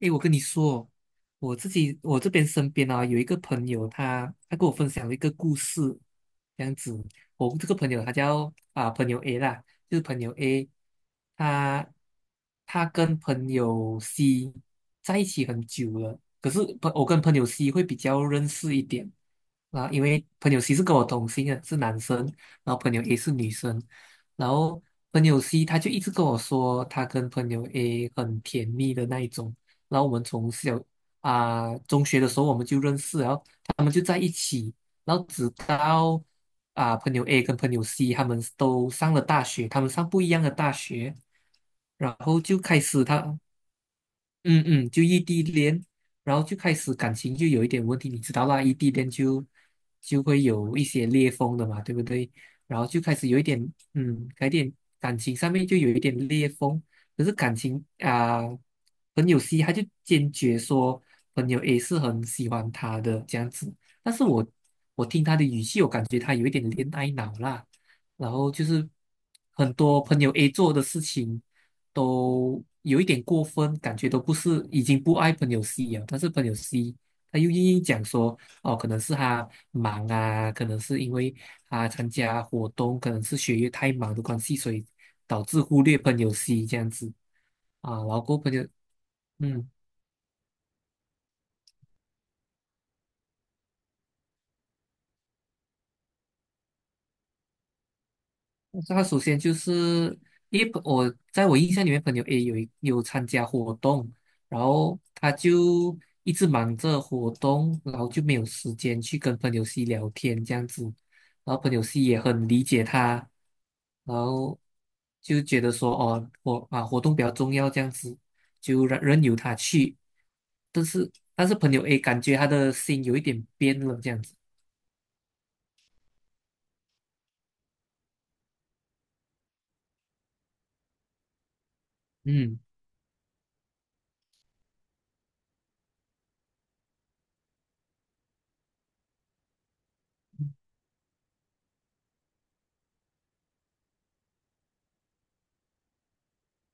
诶，我跟你说，我自己我这边身边有一个朋友他跟我分享了一个故事，这样子。我这个朋友他叫朋友 A 啦，就是朋友 A，他他跟朋友 C 在一起很久了，可是我跟朋友 C 会比较认识一点啊，因为朋友 C 是跟我同姓的，是男生，然后朋友 A 是女生，然后朋友 C 他就一直跟我说他跟朋友 A 很甜蜜的那一种。然后我们从小中学的时候我们就认识了，然后他们就在一起，然后直到朋友 A 跟朋友 C 他们都上了大学，他们上不一样的大学，然后就开始他嗯嗯，就异地恋，然后就开始感情就有一点问题，你知道啦，异地恋会有一些裂缝的嘛，对不对？然后就开始有一点，有一点感情上面就有一点裂缝。可是感情啊，朋友 C 他就坚决说朋友 A 是很喜欢他的这样子，但是我听他的语气，我感觉他有一点恋爱脑啦，然后就是很多朋友 A 做的事情。都有一点过分，感觉都不是，已经不爱朋友 C 了，但是朋友 C 他又硬硬讲说，哦，可能是他忙啊，可能是因为他参加活动，可能是学业太忙的关系，所以导致忽略朋友 C 这样子。然后过后朋友，嗯。他首先就是，因为我印象里面，朋友 A 有参加活动，然后他就一直忙着活动，然后就没有时间去跟朋友 C 聊天这样子，然后朋友 C 也很理解他，然后就觉得说哦，活动比较重要这样子，就让任由他去，但是朋友 A 感觉他的心有一点变了这样子，嗯。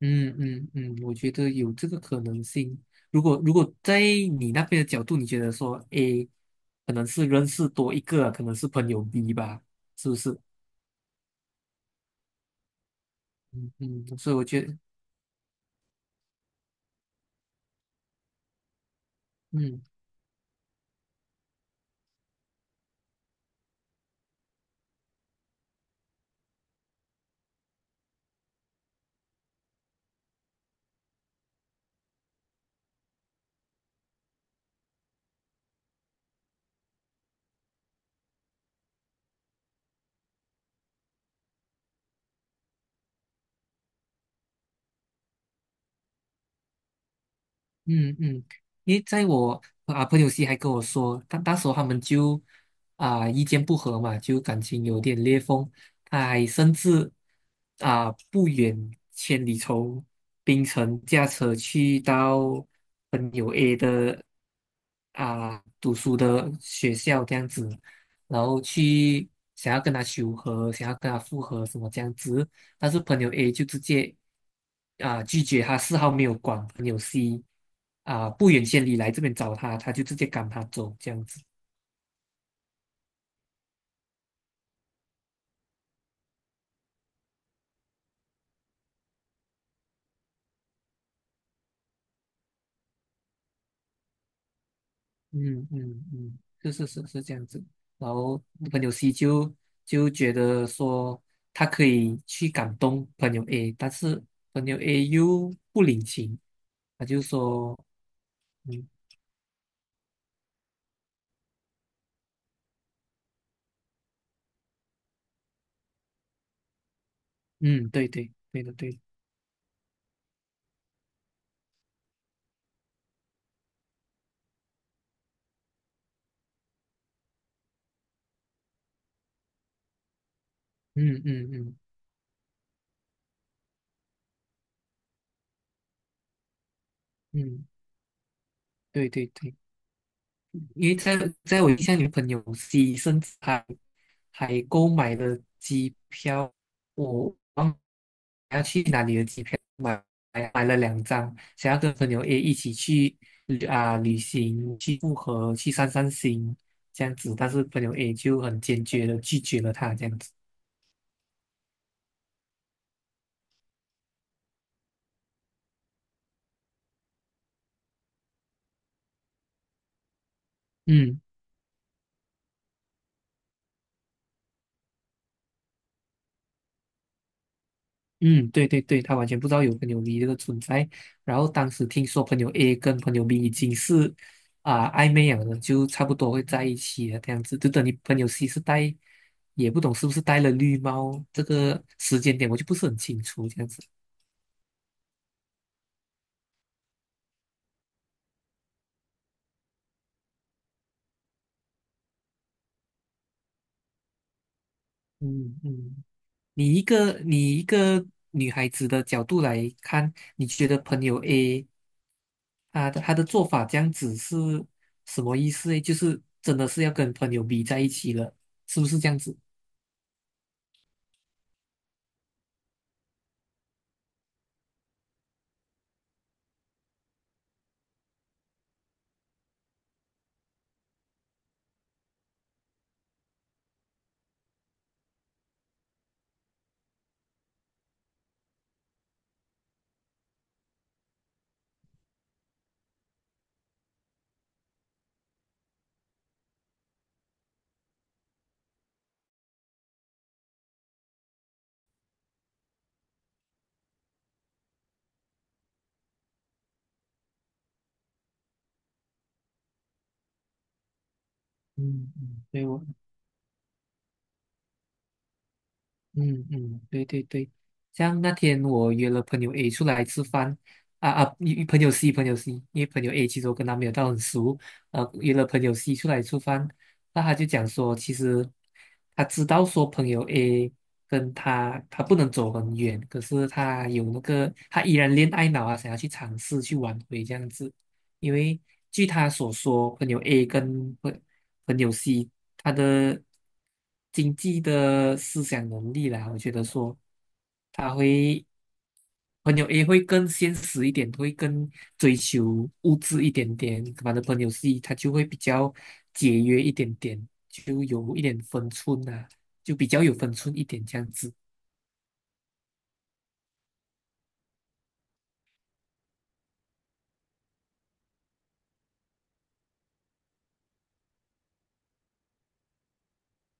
嗯嗯嗯，我觉得有这个可能性。如果在你那边的角度，你觉得说 A 可能是认识多一个，可能是朋友 B 吧，是不是？嗯嗯，所以我觉得，嗯。嗯嗯，因为在我朋友系还跟我说，他那时候他们就意见不合嘛，就感情有点裂缝，他还甚至不远千里从槟城驾车去到朋友 A 的读书的学校这样子，然后去想要跟他求和，想要跟他复合什么这样子，但是朋友 A 就直接拒绝他，丝毫没有管朋友 C 不远千里来这边找他，他就直接赶他走这样子。嗯嗯嗯，是是是是这样子。然后朋友 C 就觉得说他可以去感动朋友 A，但是朋友 A 又不领情，他就说，嗯嗯，对对对的对的，嗯嗯嗯嗯，对对对。因为在我印象里，朋友 C 甚至还购买了机票，我忘了要去哪里的机票，买了两张，想要跟朋友 A 一起去旅行，去复合，去散散心这样子，但是朋友 A 就很坚决的拒绝了他这样子，嗯。嗯，对对对，他完全不知道有朋友 B 这个存在。然后当时听说朋友 A 跟朋友 B 已经是暧昧了的，就差不多会在一起了这样子。就等你朋友 C 是带，也不懂是不是带了绿帽，这个时间点我就不是很清楚这样子。嗯嗯，你一个女孩子的角度来看，你觉得朋友 A 他的做法这样子是什么意思诶？就是真的是要跟朋友 B 在一起了，是不是这样子？嗯嗯，对我，嗯嗯，对对对，像那天我约了朋友 A 出来吃饭，啊啊，一一朋友 C 朋友 C，因为朋友 A 其实我跟他没有到很熟，约了朋友 C 出来吃饭，那他就讲说，其实他知道说朋友 A 跟他不能走很远，可是他有那个他依然恋爱脑啊，想要去尝试去挽回这样子，因为据他所说，朋友 A 朋友 C 他的经济的思想能力啦，我觉得说他会朋友 A 会更现实一点，会更追求物质一点点，反正朋友 C 他就会比较节约一点点，就有一点分寸啊，就比较有分寸一点这样子。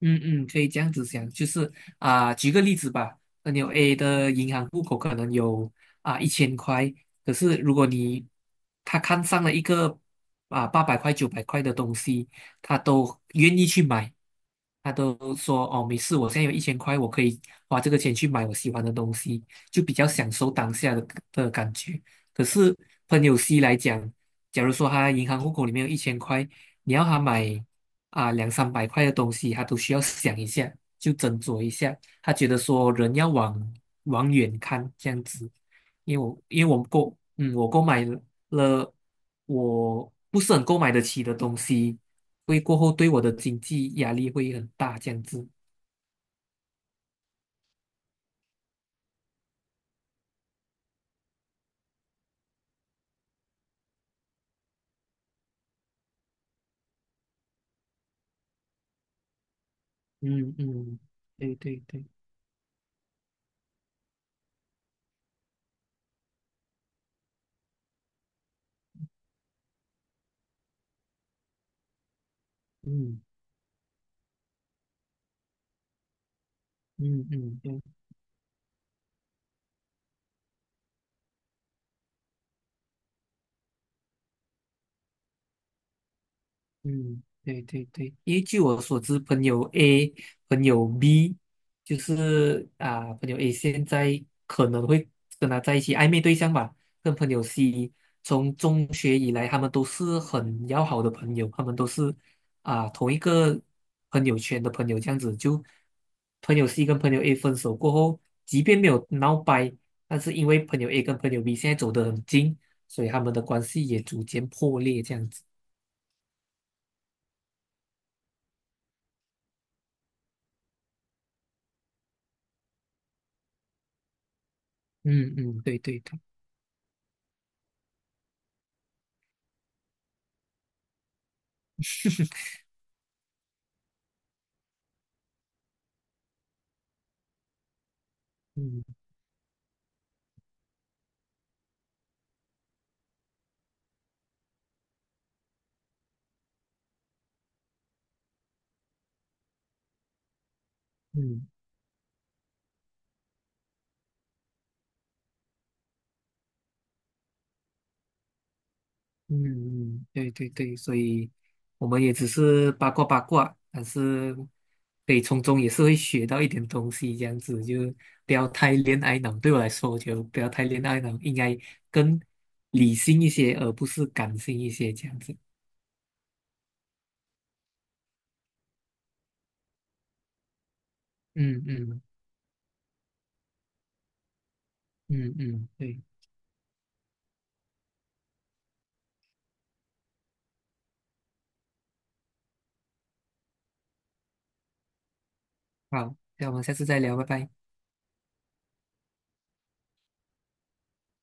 嗯嗯，可以这样子想，就是举个例子吧，朋友 A 的银行户口可能有一千块，可是如果你他看上了一个800块、900块的东西，他都愿意去买，他都说哦没事，我现在有一千块，我可以花这个钱去买我喜欢的东西，就比较享受当下的感觉。可是朋友 C 来讲，假如说他银行户口里面有一千块，你要他买2、300块的东西，他都需要想一下，就斟酌一下。他觉得说人要往远看这样子，因为我购买了我不是很购买得起的东西，会过后对我的经济压力会很大这样子。嗯嗯，对对对，嗯嗯嗯，嗯，对对对，因为据我所知，朋友 A、朋友 B，就是啊，朋友 A 现在可能会跟他在一起暧昧对象吧，跟朋友 C，从中学以来，他们都是很要好的朋友，他们都是啊同一个朋友圈的朋友，这样子就朋友 C 跟朋友 A 分手过后，即便没有闹掰，但是因为朋友 A 跟朋友 B 现在走得很近，所以他们的关系也逐渐破裂，这样子。嗯嗯，对对对，嗯嗯嗯嗯，对对对，所以我们也只是八卦八卦，但是可以从中也是会学到一点东西，这样子就不要太恋爱脑。对我来说，我觉得不要太恋爱脑，应该更理性一些，而不是感性一些，这样子。嗯嗯嗯嗯，对，好，那我们下次再聊，拜拜。